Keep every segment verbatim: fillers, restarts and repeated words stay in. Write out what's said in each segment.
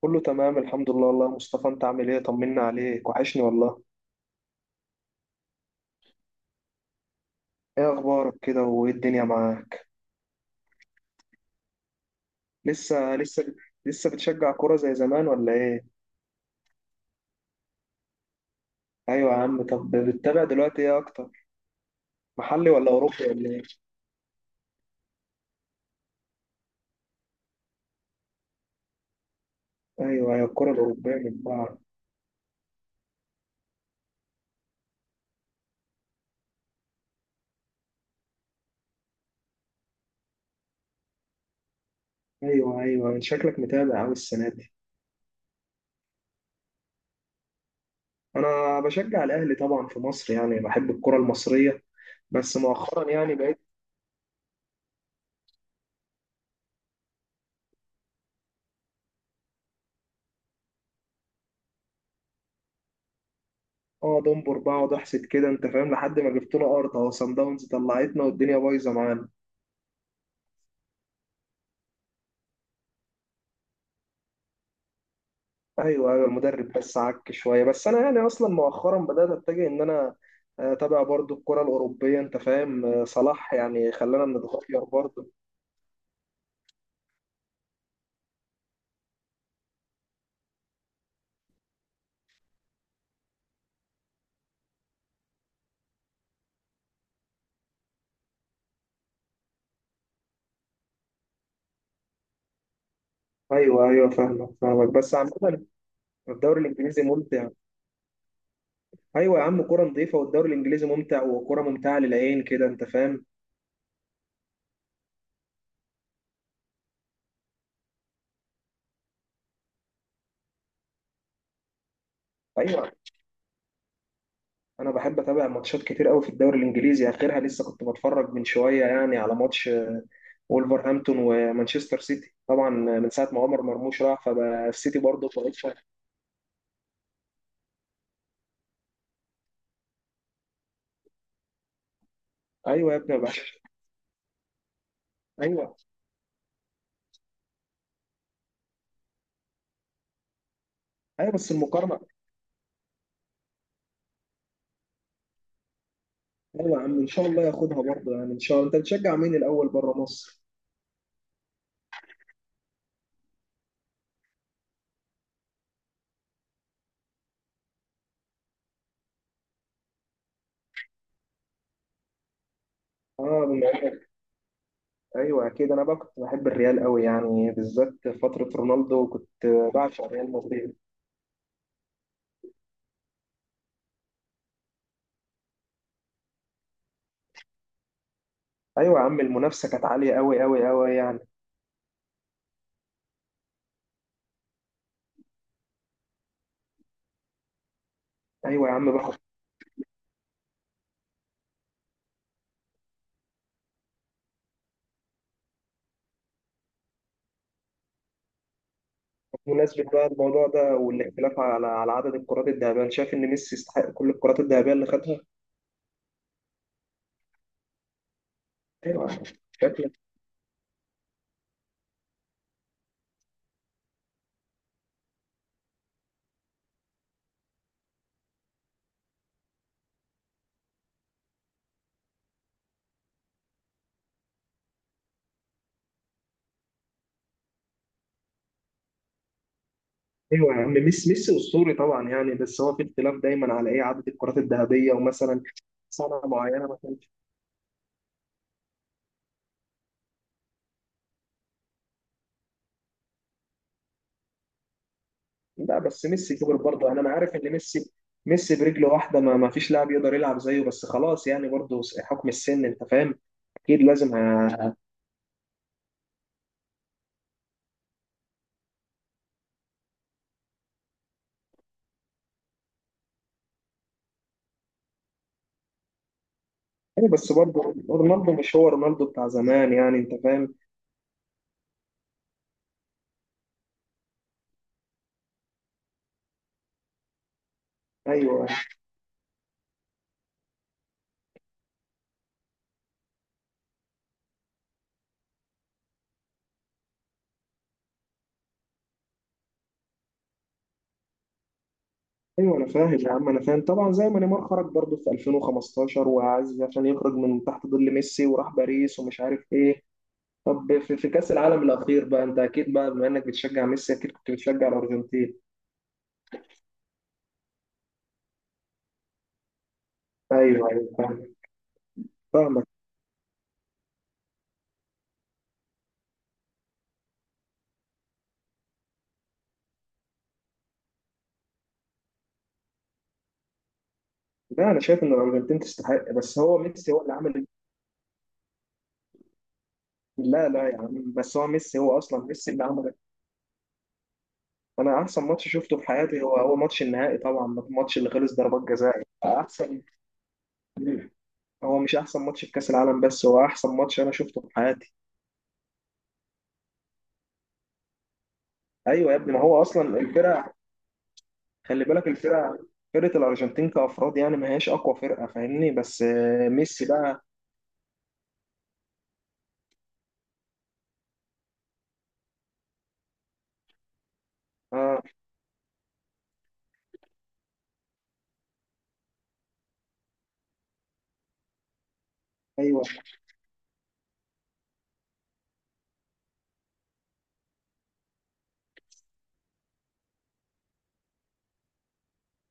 كله تمام الحمد لله والله يا مصطفى، انت عامل ايه؟ طمنا عليك، وحشني والله. ايه اخبارك كده وايه الدنيا معاك؟ لسه لسه لسه بتشجع كرة زي زمان ولا ايه؟ ايوه يا عم. طب بتتابع دلوقتي ايه اكتر؟ محلي ولا اوروبي ولا ايه؟ ايوه ايوه، الكرة الاوروبية من بعض. ايوه ايوه، من شكلك متابع قوي السنة دي. انا بشجع الاهلي طبعا في مصر، يعني بحب الكرة المصرية. بس مؤخرا يعني بقيت. اه دمبر بقعد احسد كده انت فاهم، لحد ما جبت له ارض اهو صن داونز طلعتنا والدنيا بايظه معانا. ايوه ايوه المدرب بس عك شويه، بس انا يعني اصلا مؤخرا بدات اتجه ان انا آه، اتابع برضو الكره الاوروبيه انت فاهم. آه، صلاح يعني خلانا نتغير برضو. ايوه ايوه فاهمك فاهمك بس عامه. الدوري الانجليزي ممتع. ايوه يا عم، كره نظيفه والدوري الانجليزي ممتع وكره ممتعه للعين كده انت فاهم. ايوه. انا بحب اتابع ماتشات كتير قوي في الدوري الانجليزي، اخرها لسه كنت بتفرج من شويه يعني على ماتش آه، وولفرهامبتون ومانشستر سيتي طبعا. آه، من ساعه ما عمر مرموش راح فبقى السيتي برضه. ايوه يا ابني بقى. ايوه ايوه بس المقارنه. ايوه يا عم، ان شاء الله ياخدها برضه يعني ان شاء الله. انت بتشجع مين الاول بره مصر؟ اه بما إنك- ايوه اكيد، انا بقى كنت بحب الريال قوي يعني بالذات فتره رونالدو، كنت بعشق ريال مدريد. ايوه يا عم، المنافسه كانت عاليه قوي قوي قوي يعني. ايوه يا عم بقى. بمناسبه بقى الموضوع ده والاختلاف على على عدد الكرات الذهبيه، انا شايف ان ميسي يستحق كل الكرات الذهبيه اللي خدها. ايوه. شكل. ايوه يا عم، ميسي ميسي اسطوري طبعا يعني، بس هو في اختلاف دايما على ايه عدد الكرات الذهبيه ومثلا سنه معينه ما كانش. لا بس ميسي كبر برضه يعني، انا عارف ان ميسي، ميسي برجله واحده ما, ما فيش لاعب يقدر يلعب زيه، بس خلاص يعني برضه حكم السن انت فاهم. اكيد لازم ه... أيوة بس برضه رونالدو مش هو رونالدو بتاع زمان يعني انت فاهم. ايوه ايوه انا فاهم يا عم، انا فاهم طبعا. زي ما نيمار خرج برضه في ألفين وخمستاشر وعايز عشان يخرج من تحت ظل ميسي وراح باريس ومش عارف ايه. طب في في كأس العالم الأخير بقى، أنت أكيد بقى بما إنك بتشجع ميسي أكيد كنت بتشجع الأرجنتين. أيوه أيوه فاهم- فاهمك. لا أنا شايف إن الأرجنتين تستحق، بس هو ميسي هو اللي عمل. لا لا يا عم، بس هو ميسي، هو أصلا ميسي اللي عمل. أنا أحسن ماتش شفته في حياتي هو هو ماتش النهائي طبعا، الماتش اللي خلص ضربات جزاء أحسن. هو مش أحسن ماتش في كأس العالم، بس هو أحسن ماتش أنا شفته في حياتي. أيوه يا ابني، ما هو أصلا الفرقة. خلي بالك الفرقة، فرقة الأرجنتين كأفراد يعني ما هياش أقوى فرقة فاهمني، بس آه، ميسي بقى. اه. ايوه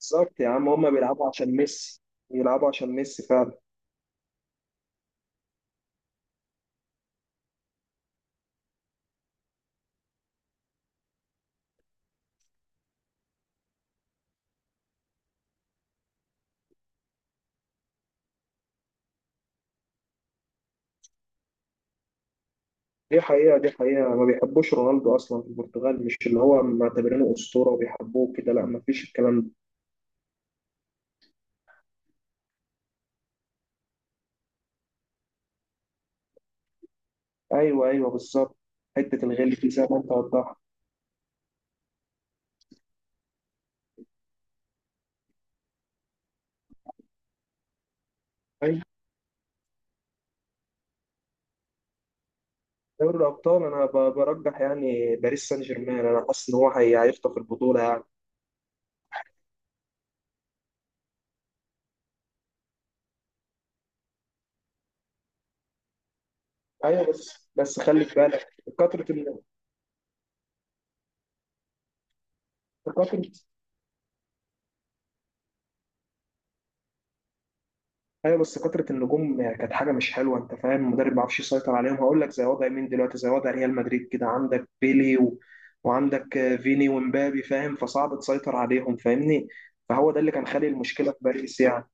بالظبط يا عم، هما بيلعبوا عشان ميسي. بيلعبوا عشان ميسي فعلا. دي حقيقة، دي حقيقة، ما بيحبوش رونالدو أصلا في البرتغال، مش اللي هو معتبرينه أسطورة وبيحبوه كده، لا، ما فيش الكلام ده. أيوه أيوه بالظبط. حتة الغل دي زي ما أنت وضحت. أيوه. دوري الأبطال أنا ب- برجح يعني باريس سان جيرمان، أنا حاسس إن هو هي- هيخطف البطولة يعني. أيوه بس بس خلي في بالك، كثرة ال- كثرة. ايوه بس كثره النجوم يعني كانت حاجه مش حلوه انت فاهم، المدرب ما بيعرفش يسيطر عليهم. هقول لك زي وضع مين دلوقتي؟ زي وضع ريال مدريد كده، عندك بيلي و... وعندك آه، فيني ومبابي فاهم، فصعب تسيطر عليهم فاهمني. فهو ده اللي كان خالق المشكله في باريس يعني.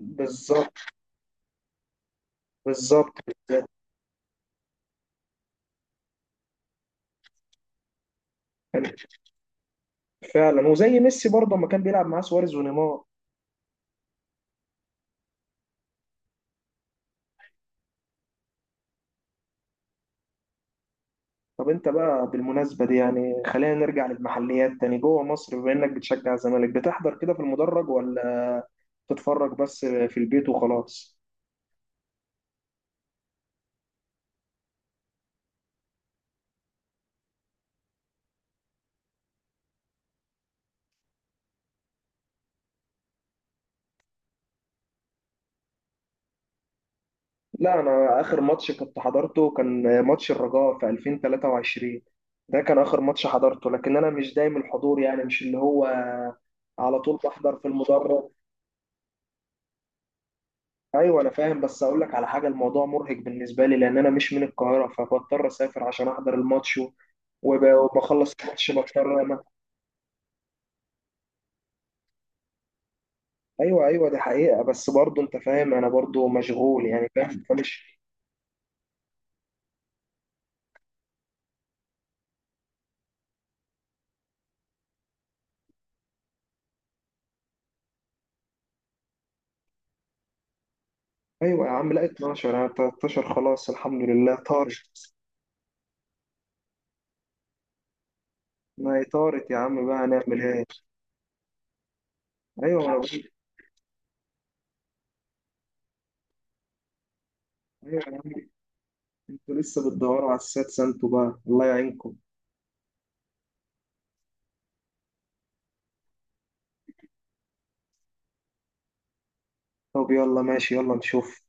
بالظبط بالظبط كان- فعلا. وزي ميسي برضه لما كان بيلعب معاه سواريز ونيمار. طب انت بقى بالمناسبه دي يعني خلينا نرجع للمحليات تاني جوه مصر، بما انك بتشجع الزمالك بتحضر كده في المدرج ولا تتفرج بس في البيت وخلاص؟ لا، انا اخر ماتش كنت حضرته كان ماتش الرجاء في ألفين وتلاتة وعشرين. ده كان اخر ماتش حضرته، لكن انا مش دايم الحضور يعني مش اللي هو على طول بحضر في المدرج. ايوه انا فاهم، بس اقول لك على حاجه، الموضوع مرهق بالنسبه لي لان انا مش من القاهره، فبضطر اسافر عشان احضر الماتش و- وب- وبخلص الماتش بضطر انا. ايوه ايوه دي حقيقه، بس برضه انت فاهم انا برضه مشغول يعني فاهم فمش. ايوه يا عم، لا اتناشر انا تلتاشر خلاص الحمد لله طارق. ما إطارة يا عم بقى، هنعمل إيه؟ أيوة أنا بقول. أيوة يا عم. أنتوا لسه بتدوروا على السات سانتو بقى، الله يعينكم. طب يلا ماشي، يلا نشوف.